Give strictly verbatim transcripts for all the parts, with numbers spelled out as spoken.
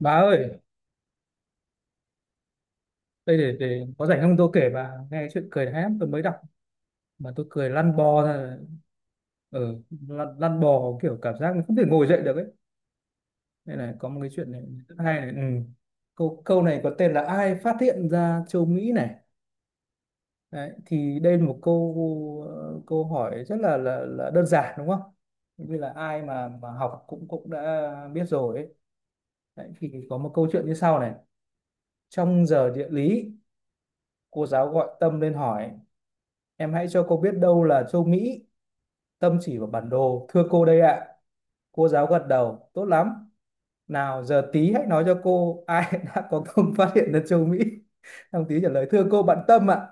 Bà ơi, đây để để có rảnh không tôi kể bà nghe chuyện cười, đã lắm tôi mới đọc mà tôi cười lăn bò ra ở ừ, lăn, lăn bò kiểu cảm giác không thể ngồi dậy được ấy. Đây này, có một cái chuyện này rất hay này. Ừ. Câu câu này có tên là ai phát hiện ra châu Mỹ này. Đấy, thì đây là một câu ờ, câu hỏi rất là là, là đơn giản đúng không? Như là ai mà mà học cũng cũng đã biết rồi ấy. Đấy, thì có một câu chuyện như sau này. Trong giờ địa lý, cô giáo gọi Tâm lên hỏi em hãy cho cô biết đâu là châu Mỹ, tâm chỉ vào bản đồ. Thưa cô đây ạ. Cô giáo gật đầu, tốt lắm. Nào giờ tí hãy nói cho cô ai đã có công phát hiện ra châu Mỹ. Thằng tí trả lời, thưa cô bạn Tâm ạ.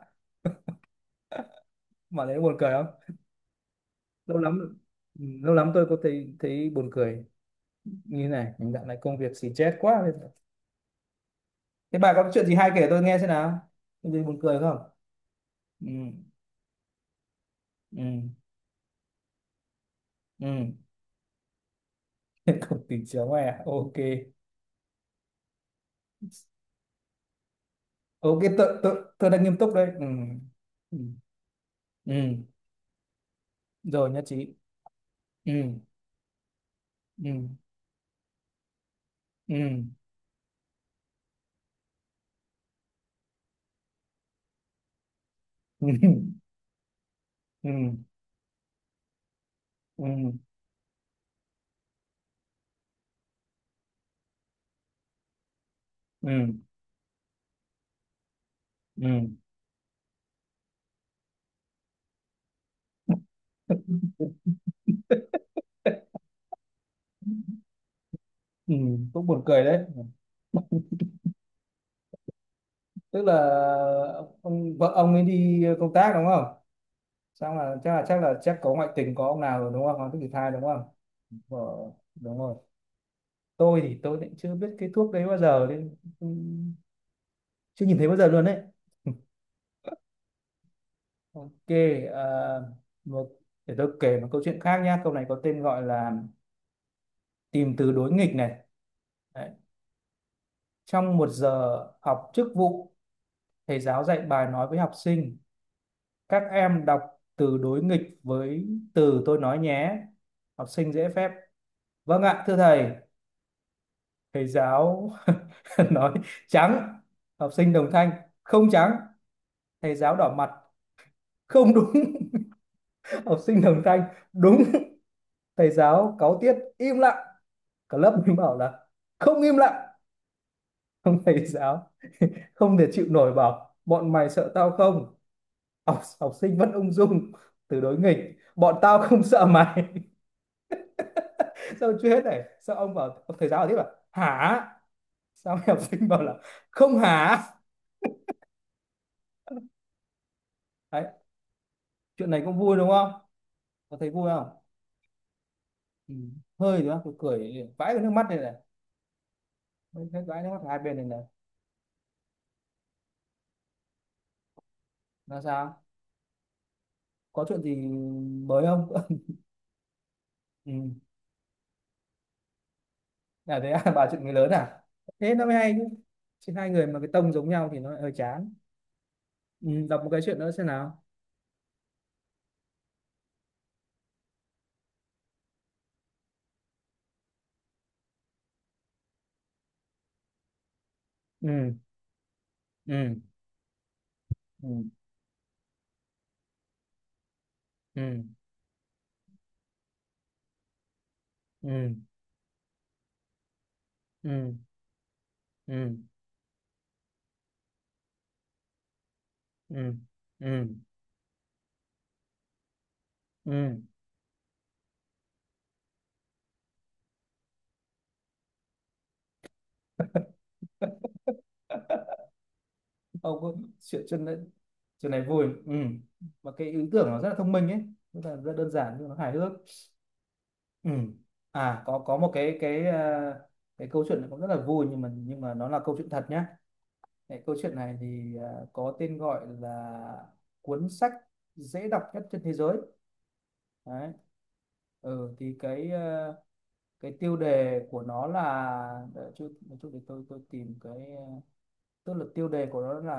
Mà thấy buồn cười không? Lâu lắm, ừ, lâu lắm tôi có thấy thấy buồn cười như thế này. Mình dạo này công việc xì chết quá. Thế bà có chuyện gì hay kể tôi nghe xem nào. Có gì buồn cười không? Ừ, ừ, ừ. Không tìm chéo à, ok. Ok, tôi, tôi, tôi đang nghiêm túc đây. Ừ. Ừ. Ừ, rồi nhất trí. Ừ, ừ, ừ, ừ, ừ, ừ, ừ, ừ, ừ. Ừ, cũng buồn cười đấy, tức là ông vợ ông ấy đi công tác đúng không, xong là chắc là chắc là chắc có ngoại tình, có ông nào rồi đúng không, có cái thai đúng không, vợ đúng rồi. Tôi thì tôi cũng chưa biết cái thuốc đấy bao giờ, nên cũng chưa nhìn thấy bao giờ luôn đấy. Ok, à, một, để tôi kể một câu chuyện khác nhá. Câu này có tên gọi là tìm từ đối nghịch này. Đấy. Trong một giờ học chức vụ, thầy giáo dạy bài nói với học sinh các em đọc từ đối nghịch với từ tôi nói nhé. Học sinh dễ phép vâng ạ thưa thầy. Thầy giáo nói trắng, học sinh đồng thanh không trắng. Thầy giáo đỏ mặt không đúng, học sinh đồng thanh đúng. Thầy giáo cáu tiết im lặng, cả lớp mình bảo là không im lặng. Ông thầy giáo không thể chịu nổi bảo bọn mày sợ tao không, học, học sinh vẫn ung dung từ đối nghịch bọn tao không sợ mày. Sao chưa hết này, sao ông bảo ông thầy giáo bảo tiếp là hả, sao mấy học sinh bảo là không hả. Đấy, chuyện này cũng vui đúng không, có thấy vui không. Ừ. Hơi nữa tôi cười vãi cái nước mắt này này, thấy vãi nước mắt hai bên này này. Là sao, có chuyện gì mới không? Ừ. Là thế à, bà chuyện người lớn à, thế nó mới hay chứ, chứ hai người mà cái tông giống nhau thì nó lại hơi chán. Ừ, đọc một cái chuyện nữa xem nào. Ừ. Ừ. Ừ. Ừ. Ừ. Ừ, ừ, ừ, ừ, ừ. Ông có chuyện, chuyện đấy, chuyện này vui. Ừ, mà cái ý tưởng nó rất là thông minh ấy, rất là rất đơn giản nhưng nó hài hước. Ừ, à, có có một cái cái à, cái câu chuyện này cũng rất là vui, nhưng mà nhưng mà nó là câu chuyện thật nhé. Cái câu chuyện này thì à, có tên gọi là cuốn sách dễ đọc nhất trên thế giới, đấy. Ừ, thì cái ờ, cái tiêu đề của nó là, để chút một chút để tôi tôi tìm cái ờ, tức là tiêu đề của nó là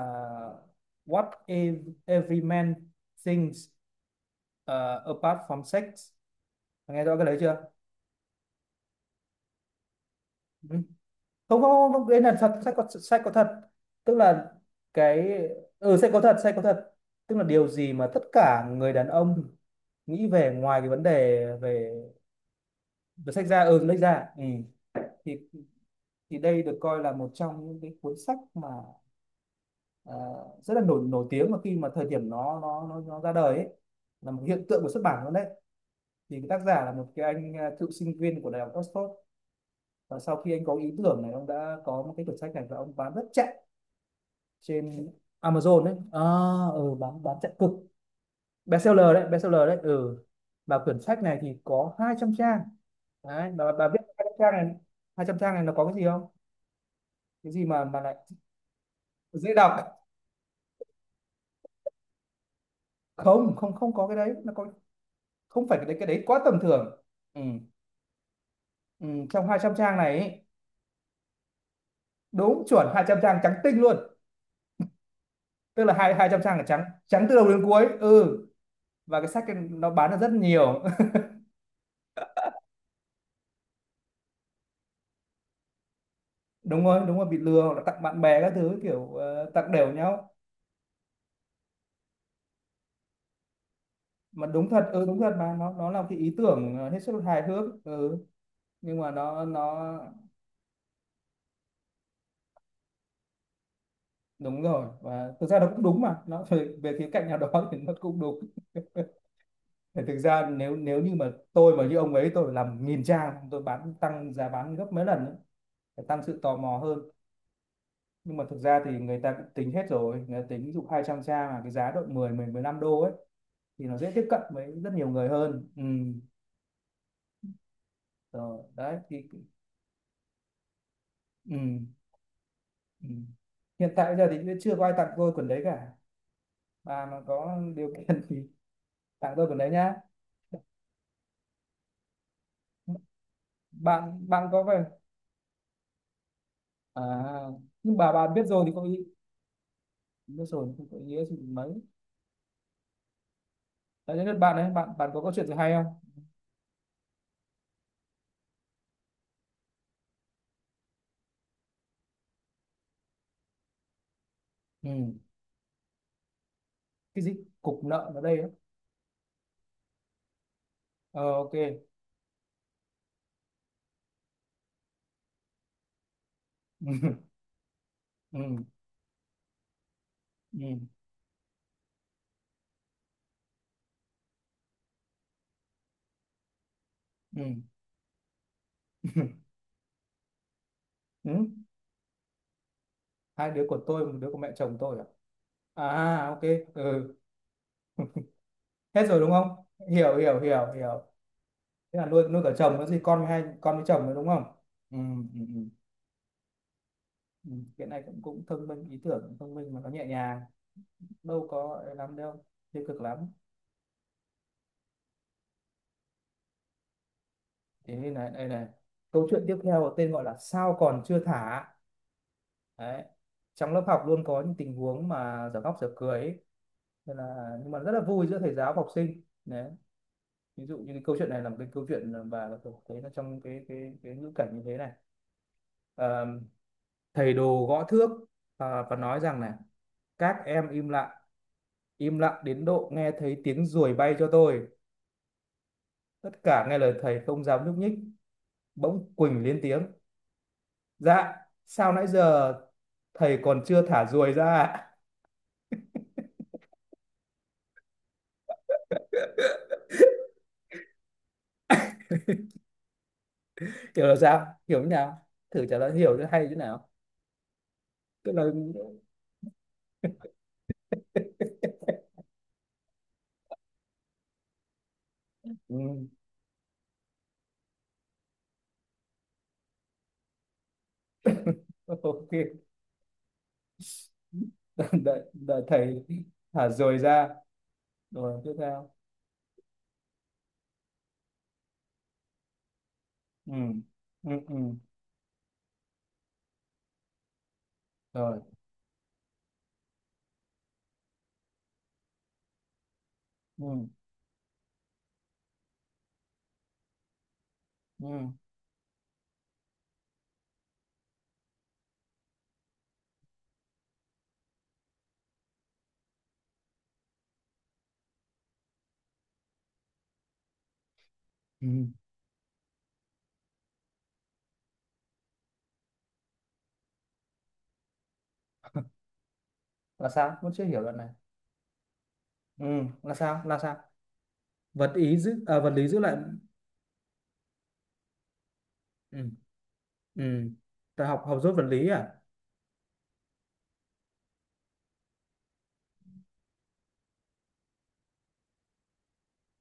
What if every man thinks, ờ, apart from sex. Nghe rõ cái đấy chưa? Ừ. Không không không, đấy là thật, sách có sách có thật. Tức là cái, ừ, sách có thật, sách có thật tức là điều gì mà tất cả người đàn ông nghĩ về, ngoài cái vấn đề về, về sách ra, ừ, lách ra, ừ. Thì thì đây được coi là một trong những cái cuốn sách mà ờ, rất là nổi nổi tiếng mà khi mà thời điểm nó nó nó, nó ra đời ấy, là một hiện tượng của xuất bản luôn đấy. Thì cái tác giả là một cái anh à, cựu sinh viên của đại học Oxford, và sau khi anh có ý tưởng này ông đã có một cái quyển sách này và ông bán rất chạy trên Amazon đấy à, ừ, bán bán chạy cực, bestseller đấy, bestseller đấy ừ. Và quyển sách này thì có hai trăm trang, đấy bà, bà biết hai trăm trang này, hai trăm trang này nó có cái gì không, cái gì mà mà lại dễ đọc. Không không không, có cái đấy nó có, không phải cái đấy, cái đấy quá tầm thường. Ừ. Ừ, trong hai trăm trang này ấy, đúng chuẩn hai trăm trang trắng tinh luôn, tức là hai hai trăm trang là trắng, trắng từ đầu đến cuối. Ừ, và cái sách nó bán được rất nhiều. Đúng rồi, đúng rồi, bị lừa hoặc là tặng bạn bè các thứ kiểu ờ, tặng đều nhau. Mà đúng thật, ừ, đúng thật, mà nó nó là cái ý tưởng ờ, hết sức là hài hước. Ừ, nhưng mà nó nó đúng rồi, và thực ra nó cũng đúng mà nó về, về khía cạnh nào đó thì nó cũng đúng. Thì thực ra nếu nếu như mà tôi mà như ông ấy, tôi phải làm nghìn trang, tôi bán tăng giá bán gấp mấy lần ấy, để tăng sự tò mò hơn. Nhưng mà thực ra thì người ta cũng tính hết rồi, người ta tính ví dụ hai trăm trang mà cái giá độ mười mười 15 đô ấy, thì nó dễ tiếp cận với rất nhiều người hơn. Ừ, rồi đấy thì. Ừ. Ừ. Hiện tại giờ thì chưa có ai tặng tôi quần đấy cả, bà mà có điều kiện thì tặng tôi quần đấy nhá. Bạn Bạn có về à, nhưng bà bà biết rồi thì có ý, biết rồi thì không có ý nghĩa gì mấy. Đấy, đến lượt bạn đấy, bạn bạn có câu chuyện gì hay không? Ừ. Cái gì, cục nợ ở đây á? Ờ, ok. Ừ. Ừ. Ừ. Ừ? Hai đứa của tôi, một đứa của mẹ chồng tôi à? À ok, ừ. Hết rồi đúng không? Hiểu, hiểu, hiểu, hiểu. Thế là nuôi nuôi cả chồng nữa, gì con với hai con với chồng nữa đúng không? Ừ, ừ, ừ. Ừ, cái này cũng cũng thông minh, ý tưởng cũng thông minh, mà nó nhẹ nhàng, đâu có ấy lắm đâu, tiêu cực lắm. Thế nên này, đây này, câu chuyện tiếp theo có tên gọi là sao còn chưa thả, đấy. Trong lớp học luôn có những tình huống mà dở khóc dở cười ấy. Nên là nhưng mà rất là vui giữa thầy giáo và học sinh đấy. Ví dụ như cái câu chuyện này là một cái câu chuyện mà tôi thấy là trong cái cái cái ngữ cảnh như thế này. Ờ, thầy đồ gõ thước, ờ, và nói rằng này các em im lặng, im lặng đến độ nghe thấy tiếng ruồi bay cho tôi. Tất cả nghe lời thầy không dám nhúc nhích, bỗng Quỳnh lên tiếng dạ sao nãy giờ thầy còn chưa thả ruồi ra ạ?" Hiểu là sao, hiểu như nào, thử trả lời hiểu cho hay như nào. Tức là ừ, ok, đợi, đợi thầy thả ruồi ra rồi tiếp theo. Ừ, ừ, ừ, rồi. Ừ, ừ, ừ. Là sao, vẫn chưa hiểu đoạn này. Ừ, là sao, là sao, vật ý giữ, à, vật lý giữ lại. Ừ, ừ, ta học, học dốt vật lý à.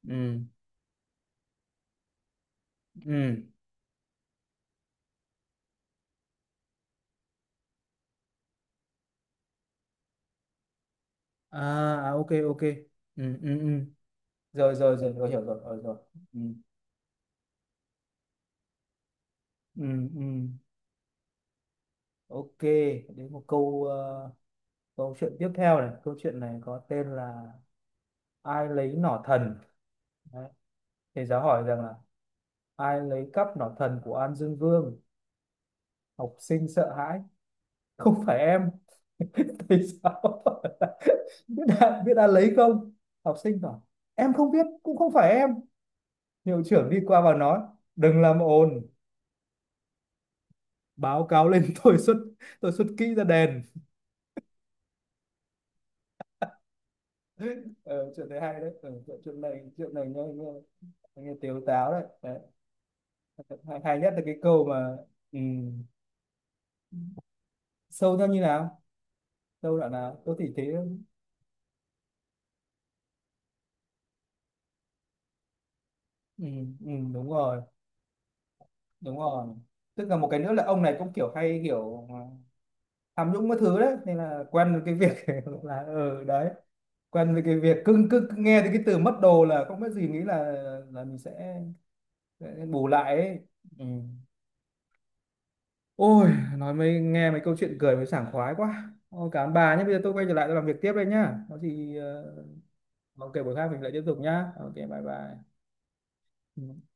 Ừ, ừ, à, à ok ok, ừ, ừ, ừ, rồi rồi rồi rồi, hiểu rồi, rồi rồi. Ừ, ừ, ừ, ok. Đến một câu ờ, câu chuyện tiếp theo này, câu chuyện này có tên là ai lấy nỏ thần. Đấy. Thầy giáo hỏi rằng là ai lấy cắp nỏ thần của An Dương Vương. Học sinh sợ hãi không phải em. Thì sao, biết đã, biết đã lấy không, học sinh bảo em không biết cũng không phải em. Hiệu trưởng đi qua và nói đừng làm ồn, báo cáo lên tôi xuất, tôi xuất kỹ ra đèn. Ờ, chuyện đấy hay đấy, ờ, chuyện, chuyện này chuyện này nghe nghe, nghe tiếu táo đấy, đấy. Hay, hay nhất là cái câu mà ừ, sâu theo như nào, sâu đoạn nào tôi thì thế. Ừ, ừ, đúng rồi, đúng rồi, tức là một cái nữa là ông này cũng kiểu hay kiểu à, tham nhũng các thứ đấy, nên là quen với cái việc gọi là ừ đấy, quen với cái việc cứ cứ cứ nghe thấy cái từ mất đồ là không biết gì, nghĩ là là mình sẽ, sẽ bù lại ấy. Ừ. Ôi, nói mới nghe mấy câu chuyện cười mới sảng khoái quá, ôi cảm ơn bà nhé, bây giờ tôi quay trở lại tôi làm việc tiếp đây nhá, có gì ờ, ok buổi khác mình lại tiếp tục nhá, ok bye bye. Ừ.